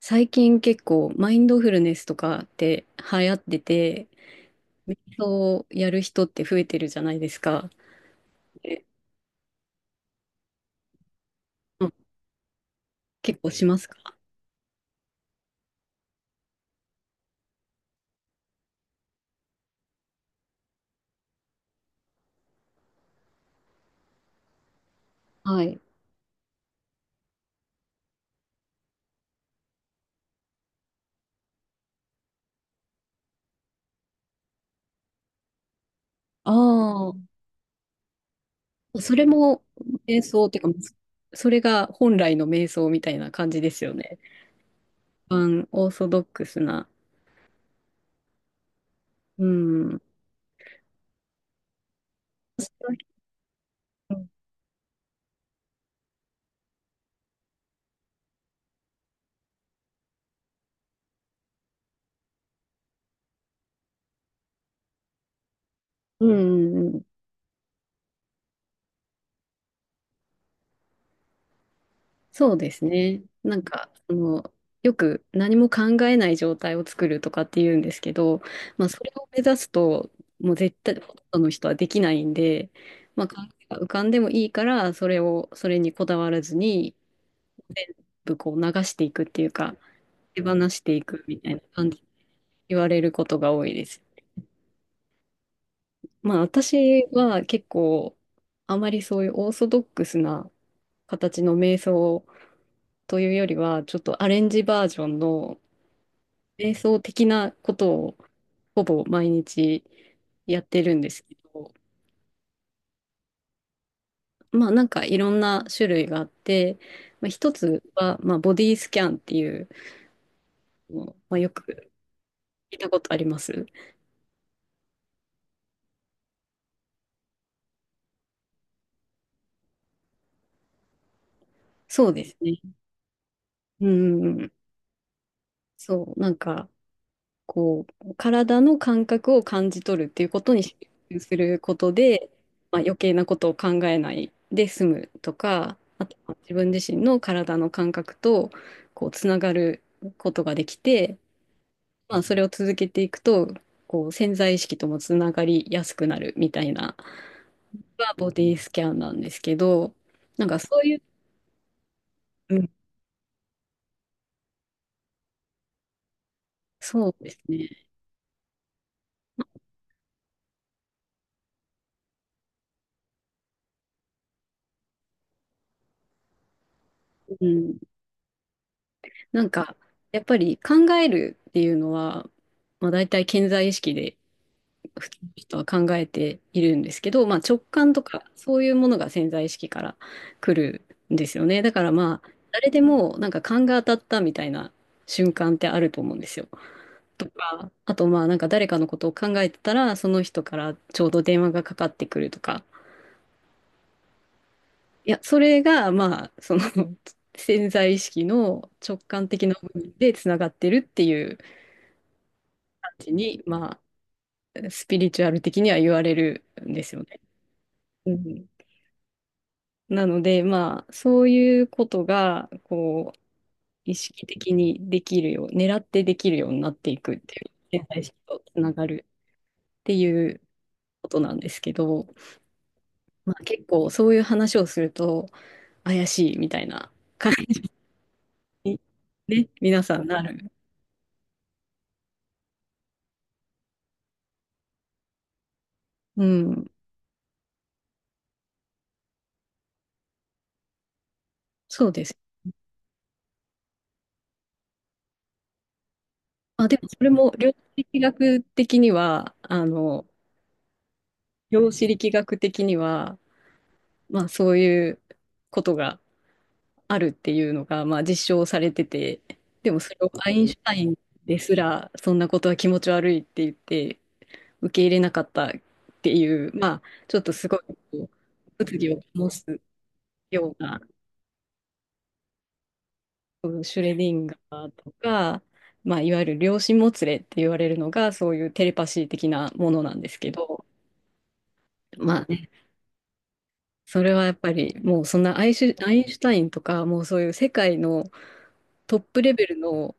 最近結構マインドフルネスとかって流行ってて、瞑想をやる人って増えてるじゃないですか。えうん。結構しますか？はい。ああ、それも瞑想っていうか、それが本来の瞑想みたいな感じですよね。一般オーソドックスな。うん。うんうんうん。そうですね。なんか、その、よく何も考えない状態を作るとかって言うんですけど、まあ、それを目指すと、もう絶対、ほとんどの人はできないんで、まあ、考えが浮かんでもいいから、それにこだわらずに、こう流していくっていうか、手放していくみたいな感じで言われることが多いです。まあ、私は結構、あまりそういうオーソドックスな形の瞑想というよりは、ちょっとアレンジバージョンの、瞑想的なことをほぼ毎日やってるんですけど、まあなんかいろんな種類があって、まあ、一つは、まあ、ボディスキャンっていう、まあ、よく聞いたことあります。そうですね。うんうんうん。そう、なんかこう、体の感覚を感じ取るっていうことに集中することで、まあ、余計なことを考えないで済むとか、あとは自分自身の体の感覚とこうつながることができて、まあ、それを続けていくと、こう潜在意識ともつながりやすくなるみたいな、がボディスキャンなんですけど、なんかそういう、うん、そうですね。うん。なんか、やっぱり考えるっていうのは、まあ、大体潜在意識で普通の人は考えているんですけど、まあ、直感とかそういうものが潜在意識から来るんですよね。だからまあ、誰でもなんか勘が当たったみたいな瞬間ってあると思うんですよ。とか、あとまあなんか誰かのことを考えてたら、その人からちょうど電話がかかってくるとか。いや、それがまあ、その 潜在意識の直感的な部分でつながってるっていう。まあ、スピリチュアル的には言われるんですよね。うん、なので、まあ、そういうことが、こう、意識的にできるよう、狙ってできるようになっていくっていう、潜在意識とつながるっていうことなんですけど、まあ、結構そういう話をすると、怪しいみたいな感じに、ね、皆さんなる。うん、そうです。まあ、でも、それも量子力学的には、あの、量子力学的には、まあそういうことがあるっていうのが、まあ実証されてて、でもそれをアインシュタインですら、そんなことは気持ち悪いって言って受け入れなかったっていう、まあちょっとすごいこう物議を醸すような、うんシュレディンガーとか、まあいわゆる量子もつれって言われるのが、そういうテレパシー的なものなんですけど、まあね、それはやっぱりもうそんなアインシュタインとか、もうそういう世界のトップレベルの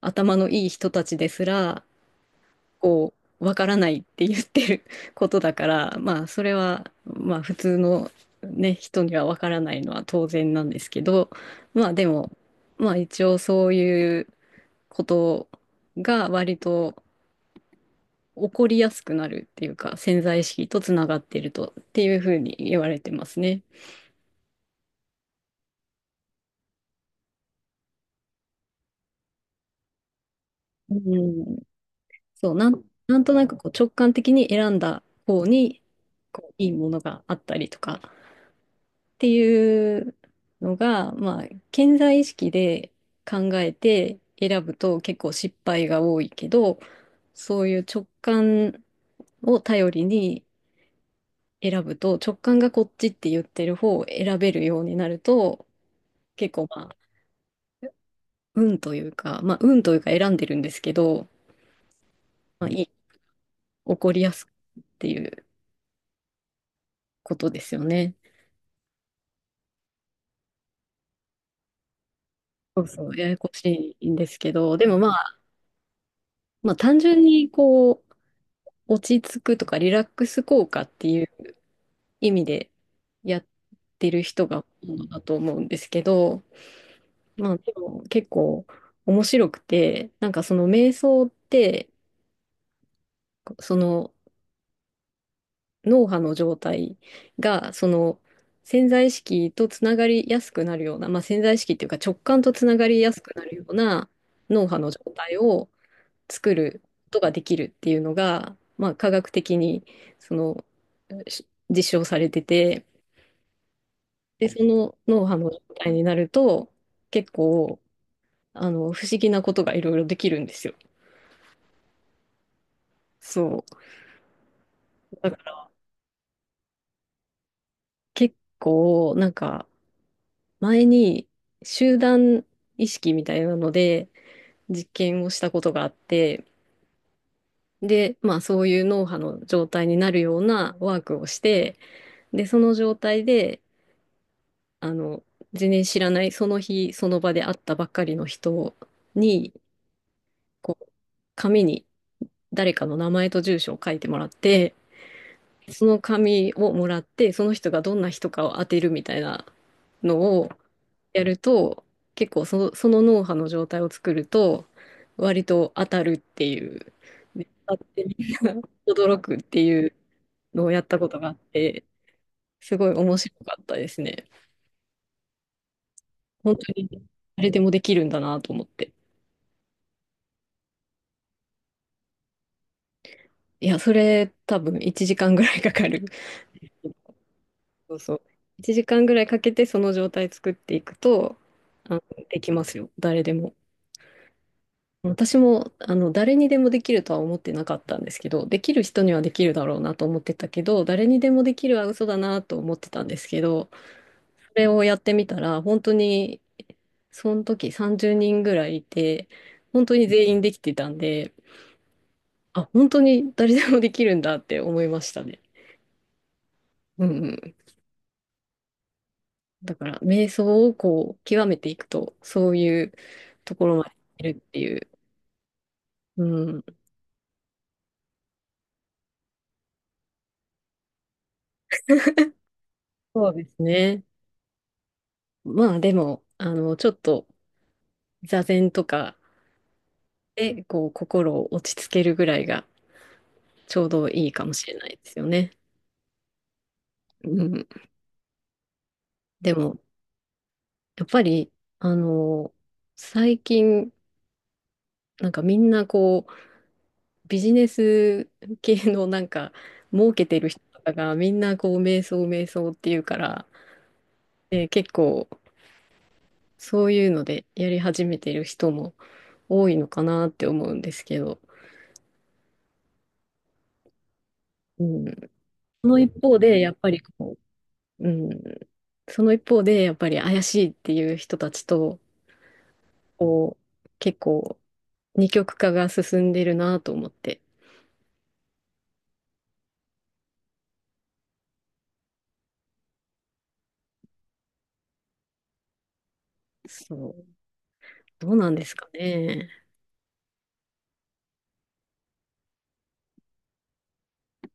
頭のいい人たちですら、こう、わからないって言ってる ことだから、まあ、それは、まあ、普通のね、人にはわからないのは当然なんですけど、まあ、でも、まあ、一応そういうことが割と起こりやすくなるっていうか、潜在意識とつながっているとっていうふうに言われてますね。うん。そう、なんとなくこう直感的に選んだ方にこういいものがあったりとかっていうのが、まあ、潜在意識で考えて選ぶと結構失敗が多いけど、そういう直感を頼りに選ぶと、直感がこっちって言ってる方を選べるようになると、結構まあ、運というか、まあ、運というか選んでるんですけど、まあ、いい、起こりやすいっていうことですよね。そうそう、ややこしいんですけど、でもまあ、まあ単純にこう、落ち着くとかリラックス効果っていう意味でやってる人が多いのだと思うんですけど、まあでも結構面白くて、なんかその瞑想って、その脳波の状態が、その潜在意識とつながりやすくなるような、まあ潜在意識っていうか直感とつながりやすくなるような脳波の状態を、作ることができるっていうのが、まあ、科学的にその実証されてて、で、その脳波の状態になると、結構、あの、不思議なことがいろいろできるんですよ。そう。だから結構、なんか、前に集団意識みたいなので実験をしたことがあって、で、まあそういう脳波の状態になるようなワークをして、で、その状態で、あの、全然知らない、その日、その場で会ったばっかりの人に、こう、紙に誰かの名前と住所を書いてもらって、その紙をもらって、その人がどんな人かを当てるみたいなのをやると、結構その、その脳波の状態を作ると、割と当たるっていう、で当たってみんな 驚くっていうのをやったことがあって、すごい面白かったですね。本当に誰でもできるんだなと思って。いや、それ多分1時間ぐらい かかる。そうそう。1時間ぐらいかけてその状態作っていくと、あの、できますよ。誰でも。私も、あの、誰にでもできるとは思ってなかったんですけど、できる人にはできるだろうなと思ってたけど、誰にでもできるは嘘だなと思ってたんですけど、それをやってみたら、本当に、その時30人ぐらいいて、本当に全員できてたんで、あ、本当に誰でもできるんだって思いましたね。うんうん。だから、瞑想をこう、極めていくと、そういうところまでいるっていう。うん。そうですね。まあ、でも、あの、ちょっと、座禅とかで、こう、心を落ち着けるぐらいが、ちょうどいいかもしれないですよね。うん。でも、やっぱり、あの、最近、なんかみんなこう、ビジネス系のなんか、儲けてる人とかが、みんなこう、瞑想、瞑想っていうから、で、結構、そういうのでやり始めてる人も多いのかなって思うんですけど、うん、その一方でやっぱりこう、うん、その一方でやっぱり怪しいっていう人たちとこう結構二極化が進んでるなと思って、そう、どうなんですかね。